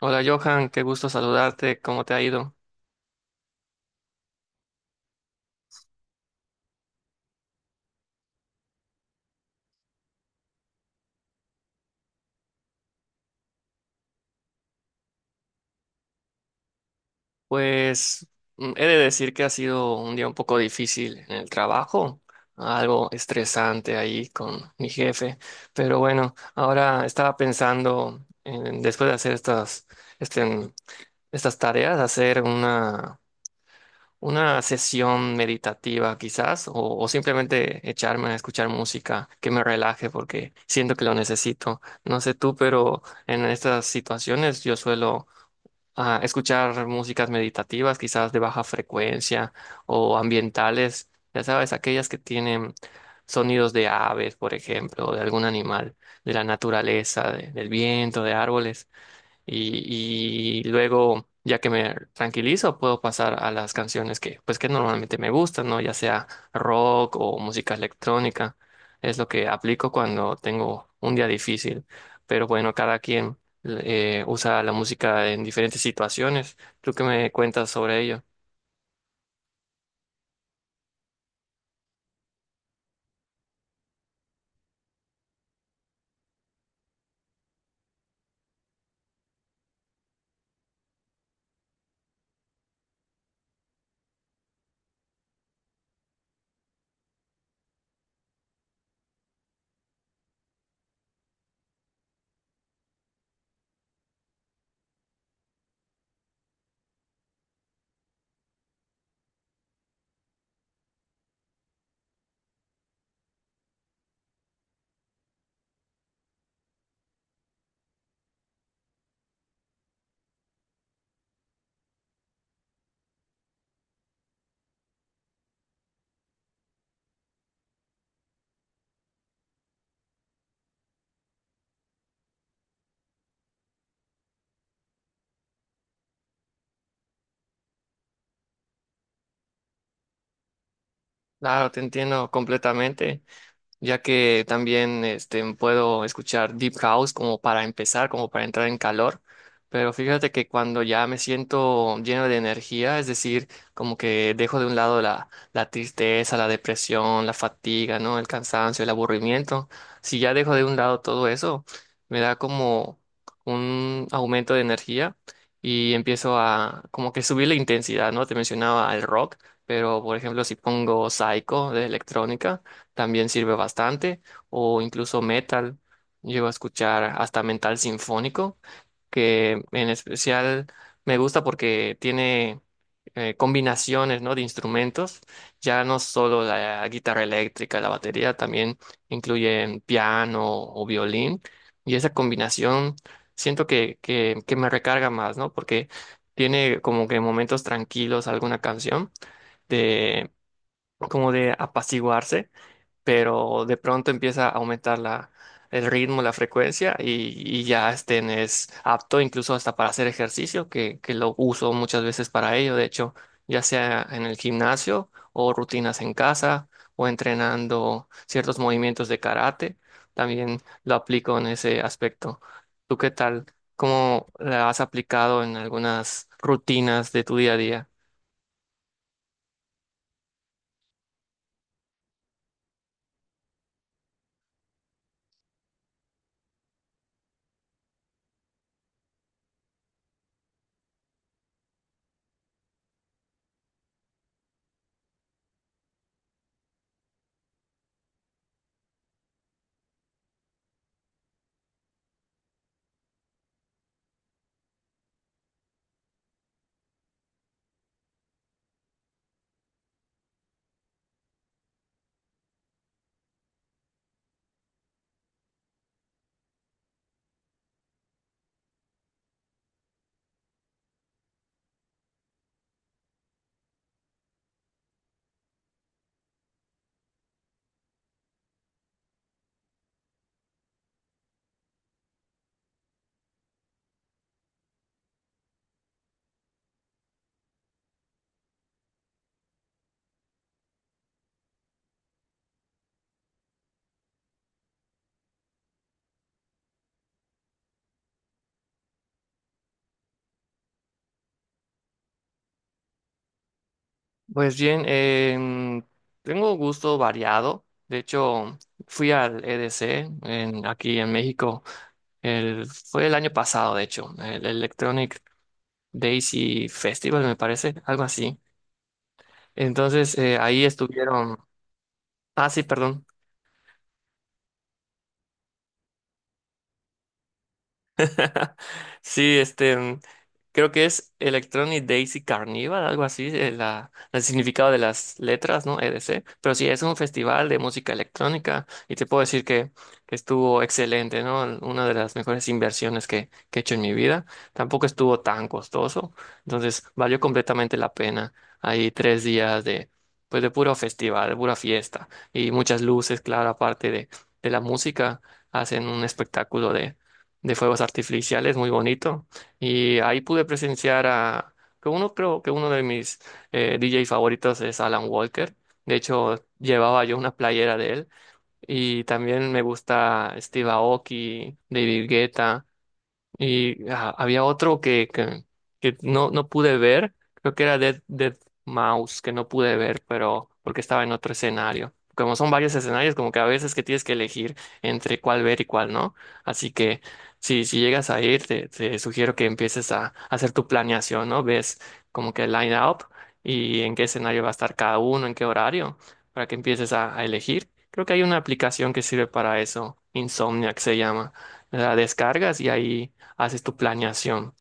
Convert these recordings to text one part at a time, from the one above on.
Hola Johan, qué gusto saludarte, ¿cómo te ha ido? Pues he de decir que ha sido un día un poco difícil en el trabajo, algo estresante ahí con mi jefe, pero bueno, ahora estaba pensando en, después de hacer estas, este, estas tareas, hacer una sesión meditativa quizás, o simplemente echarme a escuchar música que me relaje porque siento que lo necesito. No sé tú, pero en estas situaciones yo suelo a escuchar músicas meditativas, quizás de baja frecuencia o ambientales, ya sabes, aquellas que tienen sonidos de aves, por ejemplo, o de algún animal, de la naturaleza, del viento, de árboles y luego, ya que me tranquilizo, puedo pasar a las canciones pues, que normalmente me gustan, ¿no? Ya sea rock o música electrónica. Es lo que aplico cuando tengo un día difícil. Pero bueno, cada quien usa la música en diferentes situaciones. ¿Tú qué me cuentas sobre ello? Claro, te entiendo completamente, ya que también puedo escuchar Deep House como para empezar, como para entrar en calor, pero fíjate que cuando ya me siento lleno de energía, es decir, como que dejo de un lado la tristeza, la depresión, la fatiga, ¿no? El cansancio, el aburrimiento, si ya dejo de un lado todo eso, me da como un aumento de energía y empiezo a como que subir la intensidad, ¿no? Te mencionaba el rock. Pero, por ejemplo, si pongo Psycho de electrónica, también sirve bastante, o incluso metal. Llego a escuchar hasta metal sinfónico, que en especial me gusta porque tiene combinaciones, ¿no? De instrumentos. Ya no solo la guitarra eléctrica, la batería, también incluyen piano o violín. Y esa combinación siento que me recarga más, ¿no? Porque tiene como que momentos tranquilos alguna canción de como de apaciguarse, pero de pronto empieza a aumentar el ritmo, la frecuencia y ya estén es apto incluso hasta para hacer ejercicio, que lo uso muchas veces para ello, de hecho, ya sea en el gimnasio o rutinas en casa o entrenando ciertos movimientos de karate, también lo aplico en ese aspecto. ¿Tú qué tal? ¿Cómo la has aplicado en algunas rutinas de tu día a día? Pues bien, tengo gusto variado. De hecho, fui al EDC aquí en México. El, fue el año pasado, de hecho, el Electronic Daisy Festival, me parece, algo así. Entonces, ahí estuvieron. Ah, sí, perdón. Sí, creo que es Electronic Daisy Carnival, algo así, el significado de las letras, ¿no? EDC. Pero sí, es un festival de música electrónica y te puedo decir que estuvo excelente, ¿no? Una de las mejores inversiones que he hecho en mi vida. Tampoco estuvo tan costoso, entonces valió completamente la pena. Hay tres días de, pues, de puro festival, de pura fiesta y muchas luces, claro, aparte de la música, hacen un espectáculo de fuegos artificiales, muy bonito. Y ahí pude presenciar a, que uno creo que uno de mis DJ favoritos es Alan Walker. De hecho, llevaba yo una playera de él. Y también me gusta Steve Aoki, David Guetta. Y ah, había otro que no pude ver, creo que era Dead Mouse, que no pude ver, pero porque estaba en otro escenario. Como son varios escenarios, como que a veces que tienes que elegir entre cuál ver y cuál no. Así que si llegas a ir, te sugiero que empieces hacer tu planeación, ¿no? Ves como que el line up y en qué escenario va a estar cada uno, en qué horario, para que empieces a elegir. Creo que hay una aplicación que sirve para eso, Insomniac se llama, la descargas y ahí haces tu planeación.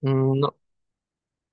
No,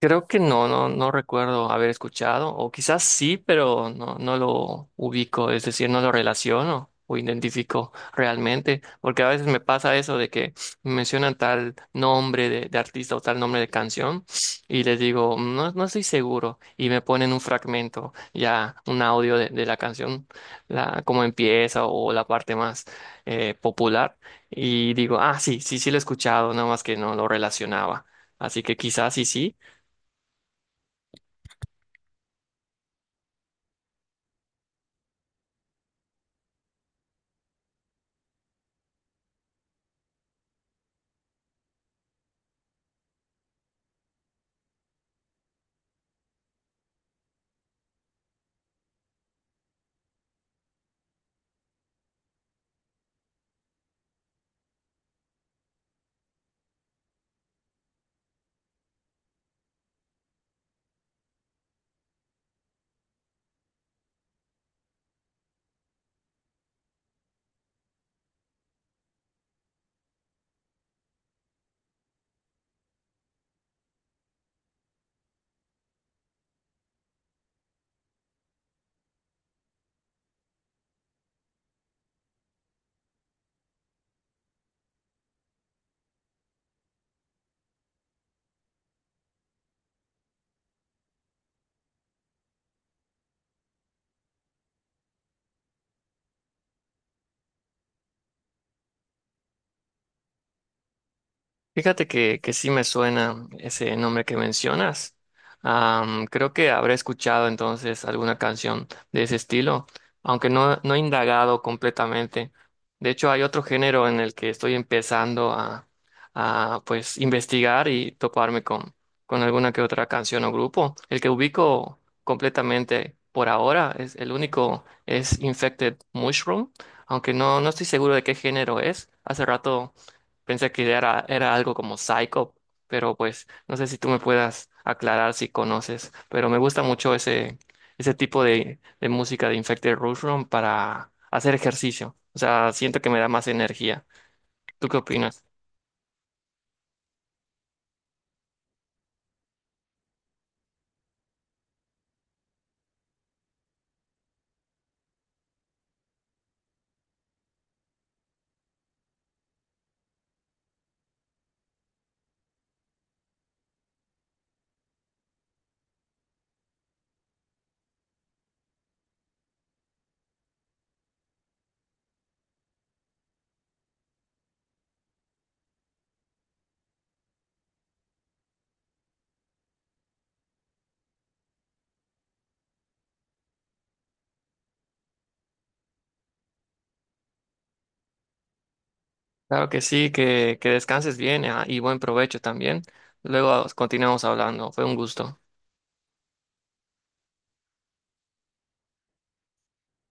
creo que no, no recuerdo haber escuchado, o quizás sí, pero no, no lo ubico, es decir, no lo relaciono o identifico realmente, porque a veces me pasa eso de que me mencionan tal nombre de artista o tal nombre de canción y les digo, no, no estoy seguro, y me ponen un fragmento, ya un audio de la canción, la, cómo empieza o la parte más popular, y digo, ah, sí, sí, sí lo he escuchado, nada más que no lo relacionaba. Así que quizás sí, sí. Fíjate que sí me suena ese nombre que mencionas. Am, creo que habré escuchado entonces alguna canción de ese estilo, aunque no, no he indagado completamente. De hecho, hay otro género en el que estoy empezando pues investigar y toparme con alguna que otra canción o grupo. El que ubico completamente por ahora es el único es Infected Mushroom, aunque no, no estoy seguro de qué género es. Hace rato pensé era algo como Psycho, pero pues no sé si tú me puedas aclarar si conoces, pero me gusta mucho ese tipo de música de Infected Mushroom para hacer ejercicio. O sea, siento que me da más energía. ¿Tú qué opinas? Claro que sí, que descanses bien, ah, y buen provecho también. Luego continuamos hablando. Fue un gusto.